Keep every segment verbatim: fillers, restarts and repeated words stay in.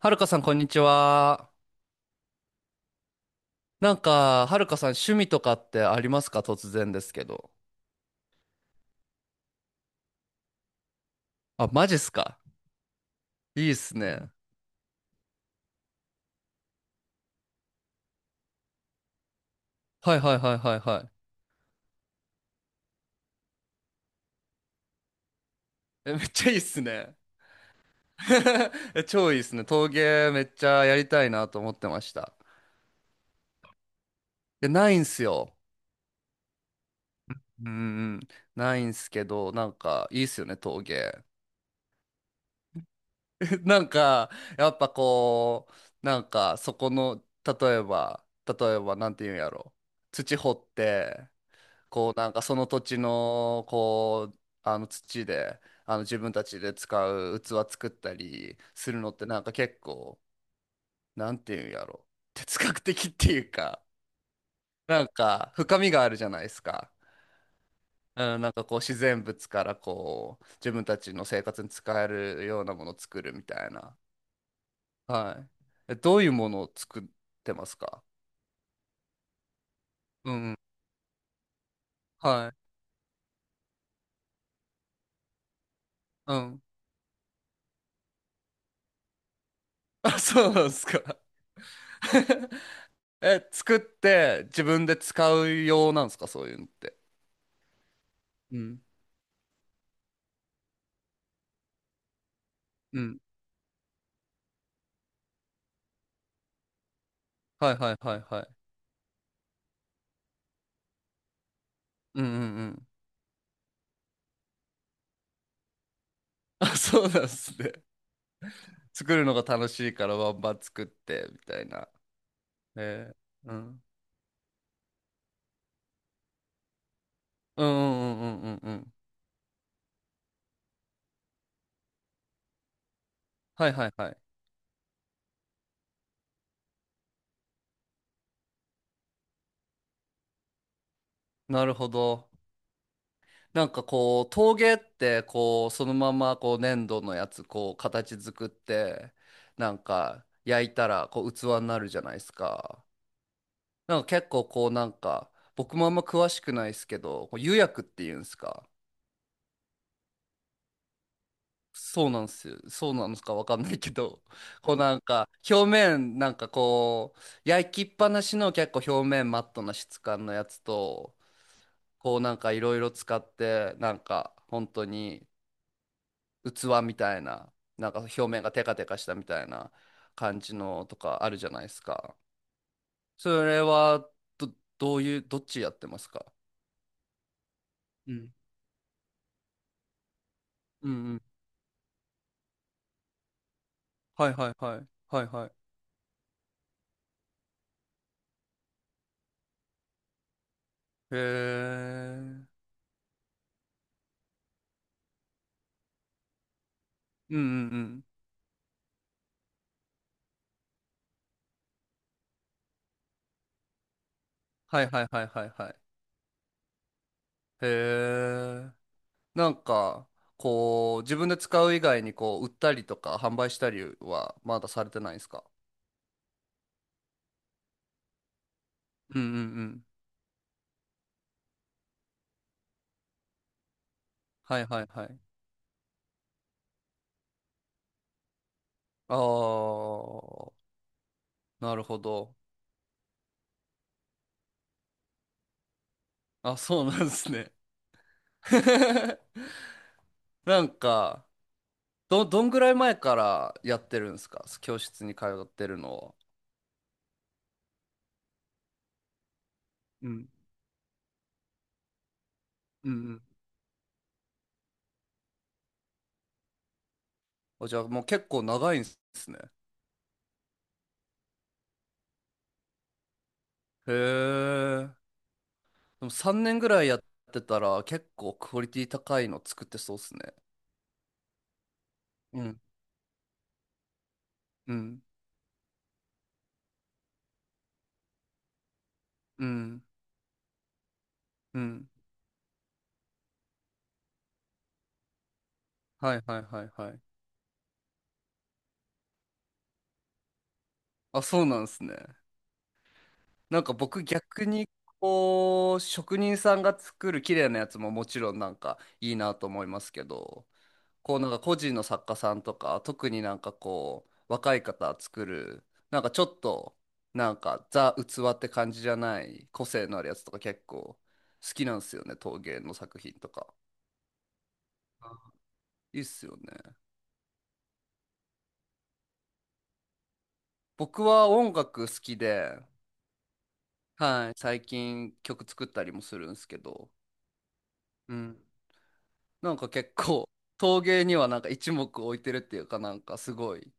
はるかさん、こんにちは。なんか、はるかさん、趣味とかってありますか、突然ですけど。あ、マジっすか？いいっすね。はいはいはいはいはい。え、めっちゃいいっすね。え、超いいっすね。陶芸めっちゃやりたいなと思ってました。いや、ないんすよ。うんうん。ないんすけど、なんか、いいっすよね、陶芸。なんか、やっぱこう、なんか、そこの、例えば、例えば、なんていうんやろ。土掘って、こうなんかその土地のこうあの土で、あの、自分たちで使う器作ったりするのって、なんか結構、なんていうんやろ、哲学的っていうか、 なんか深みがあるじゃないですか。うん、なんかこう自然物からこう自分たちの生活に使えるようなものを作るみたいな。はい。え、どういうものを作ってますか？うん。はい。うん。あ、そうなんですか。え、作って自分で使う用なんですか、そういうのって。うん、うん。はいはいはいはい。うんうんうん。あ、そうなんですね。作るのが楽しいからバンバン作ってみたいな。えー、うん。うんうんうんうんうんうん。はいはいはい。なるほど。なんかこう陶芸ってこうそのままこう粘土のやつこう形作って、なんか焼いたらこう器になるじゃないですか。なんか結構こうなんか、僕もあんま詳しくないですけど、こう釉薬っていうんですか。そうなんですよ。そうなのかわかんないけど、こうなんか表面なんかこう焼きっぱなしの結構表面マットな質感のやつと、こうなんかいろいろ使ってなんか本当に器みたいな、なんか表面がテカテカしたみたいな感じのとかあるじゃないですか。それはど、どういう、どっちやってますか？うんうん。はいはいはい。はいはい。へえ。うんうんうん。はいはいはいはいはい。へえ。なんか、こう、自分で使う以外に、こう、売ったりとか、販売したりは、まだされてないんですか？うんうんうん。はいはいはい。あー、なるほど。あ、そうなんですね。なんか、ど、どんぐらい前からやってるんですか、教室に通ってるのを。うん。うんうん。あ、じゃあもう結構長いんですね。へえ。でもさんねんぐらいやってたら結構クオリティ高いの作ってそうっすね。うん。うん。うん。うん。はいはいはいはい。あ、そうなんですね。なんか僕逆に、こう、職人さんが作る綺麗なやつももちろんなんかいいなと思いますけど、こうなんか個人の作家さんとか特になんかこう若い方作るなんかちょっとなんかザ・器って感じじゃない個性のあるやつとか結構好きなんですよね、陶芸の作品とか。いいっすよね。僕は音楽好きで、はい、最近曲作ったりもするんですけど、うん、なんか結構陶芸にはなんか一目置いてるっていうか、なんかすごい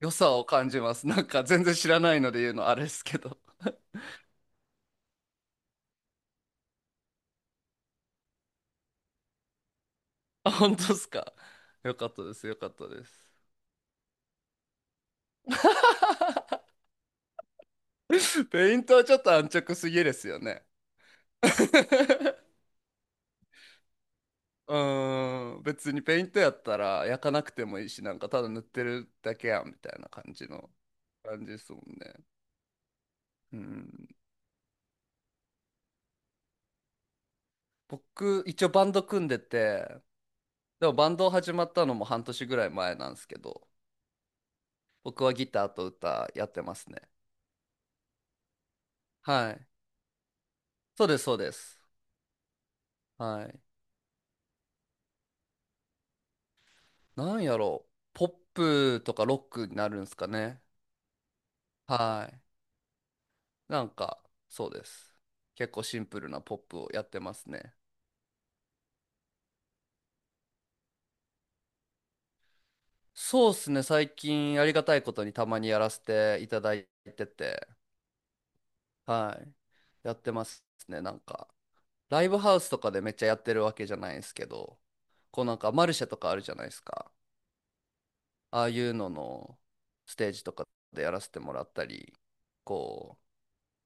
良さを感じます。なんか全然知らないので言うのあれですけど。あ、本当ですか。よかったです、よかったです。ペイントはちょっと安直すぎですよね。うーん、別にペイントやったら焼かなくてもいいし、なんかただ塗ってるだけやんみたいな感じの感じですもんね。うん、僕、一応バンド組んでて、でもバンド始まったのもはんとしぐらい前なんですけど、僕はギターと歌やってますね。はい。そうです、そうです。はい。なんやろう、ポップとかロックになるんですかね。はい。なんか、そうです。結構シンプルなポップをやってますね。そうですね、最近ありがたいことにたまにやらせていただいてて、はい。やってますね、なんか。ライブハウスとかでめっちゃやってるわけじゃないんですけど、こうなんかマルシェとかあるじゃないですか。ああいうののステージとかでやらせてもらったり、こ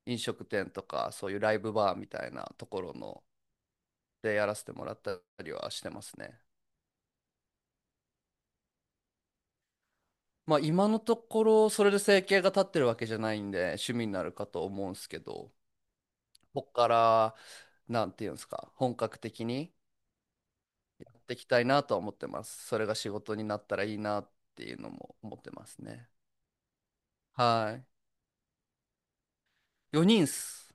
う、飲食店とかそういうライブバーみたいなところのでやらせてもらったりはしてますね。まあ今のところそれで生計が立ってるわけじゃないんで趣味になるかと思うんですけど、ここからなんていうんですか、本格的にやっていきたいなとは思ってます。それが仕事になったらいいなっていうのも思ってますね。はい。よにんっす。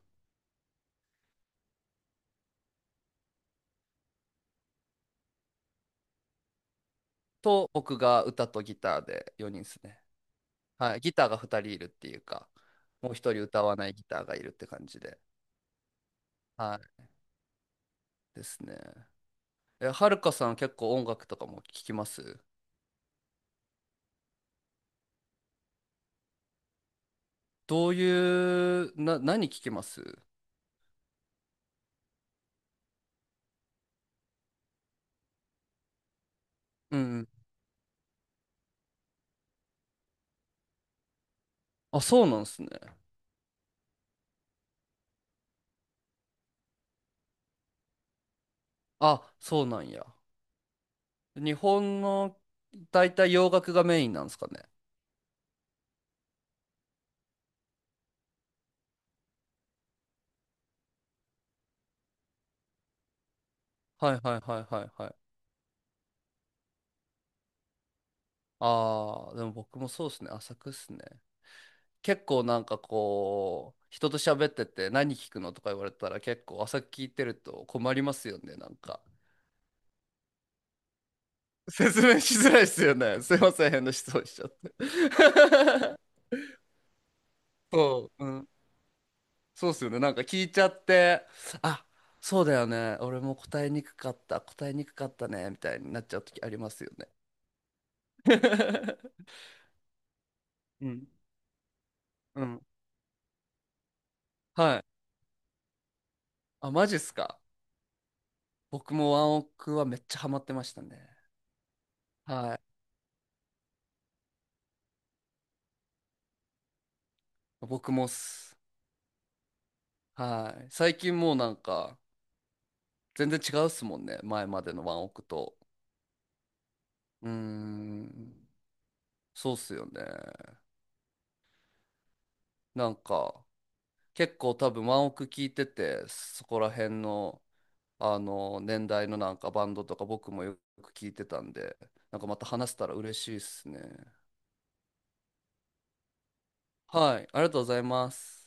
と僕が歌とギターでよにんっすね。はい。ギターがふたりいるっていうか、もうひとり歌わないギターがいるって感じで。はい。ですね。え、はるかさん結構音楽とかも聞きます？どういう、な、何聞きます？うん。あ、そうなんですね。あ、そうなんや。日本の、大体洋楽がメインなんですかね。はいはいはいはいはい。ああ、でも僕もそうですね。浅くっすね。結構なんかこう、人と喋ってて何聞くのとか言われたら結構浅く聞いてると困りますよね、なんか。説明しづらいっすよね。すいません、変な質問しちゃって。そう。うん、そうっすよね。なんか聞いちゃって、あ、そうだよね、俺も答えにくかった、答えにくかったね、みたいになっちゃう時ありますよね。うん。うん。はい。あ、マジっすか。僕もワンオクはめっちゃハマってましたね。はい。僕もっす。はい。最近もうなんか、全然違うっすもんね、前までのワンオクと。うーん。そうっすよね。なんか、結構多分ワンオク聞いてて、そこら辺の、あの年代のなんかバンドとか僕もよく聞いてたんで、なんかまた話せたら嬉しいですね。はい、ありがとうございます。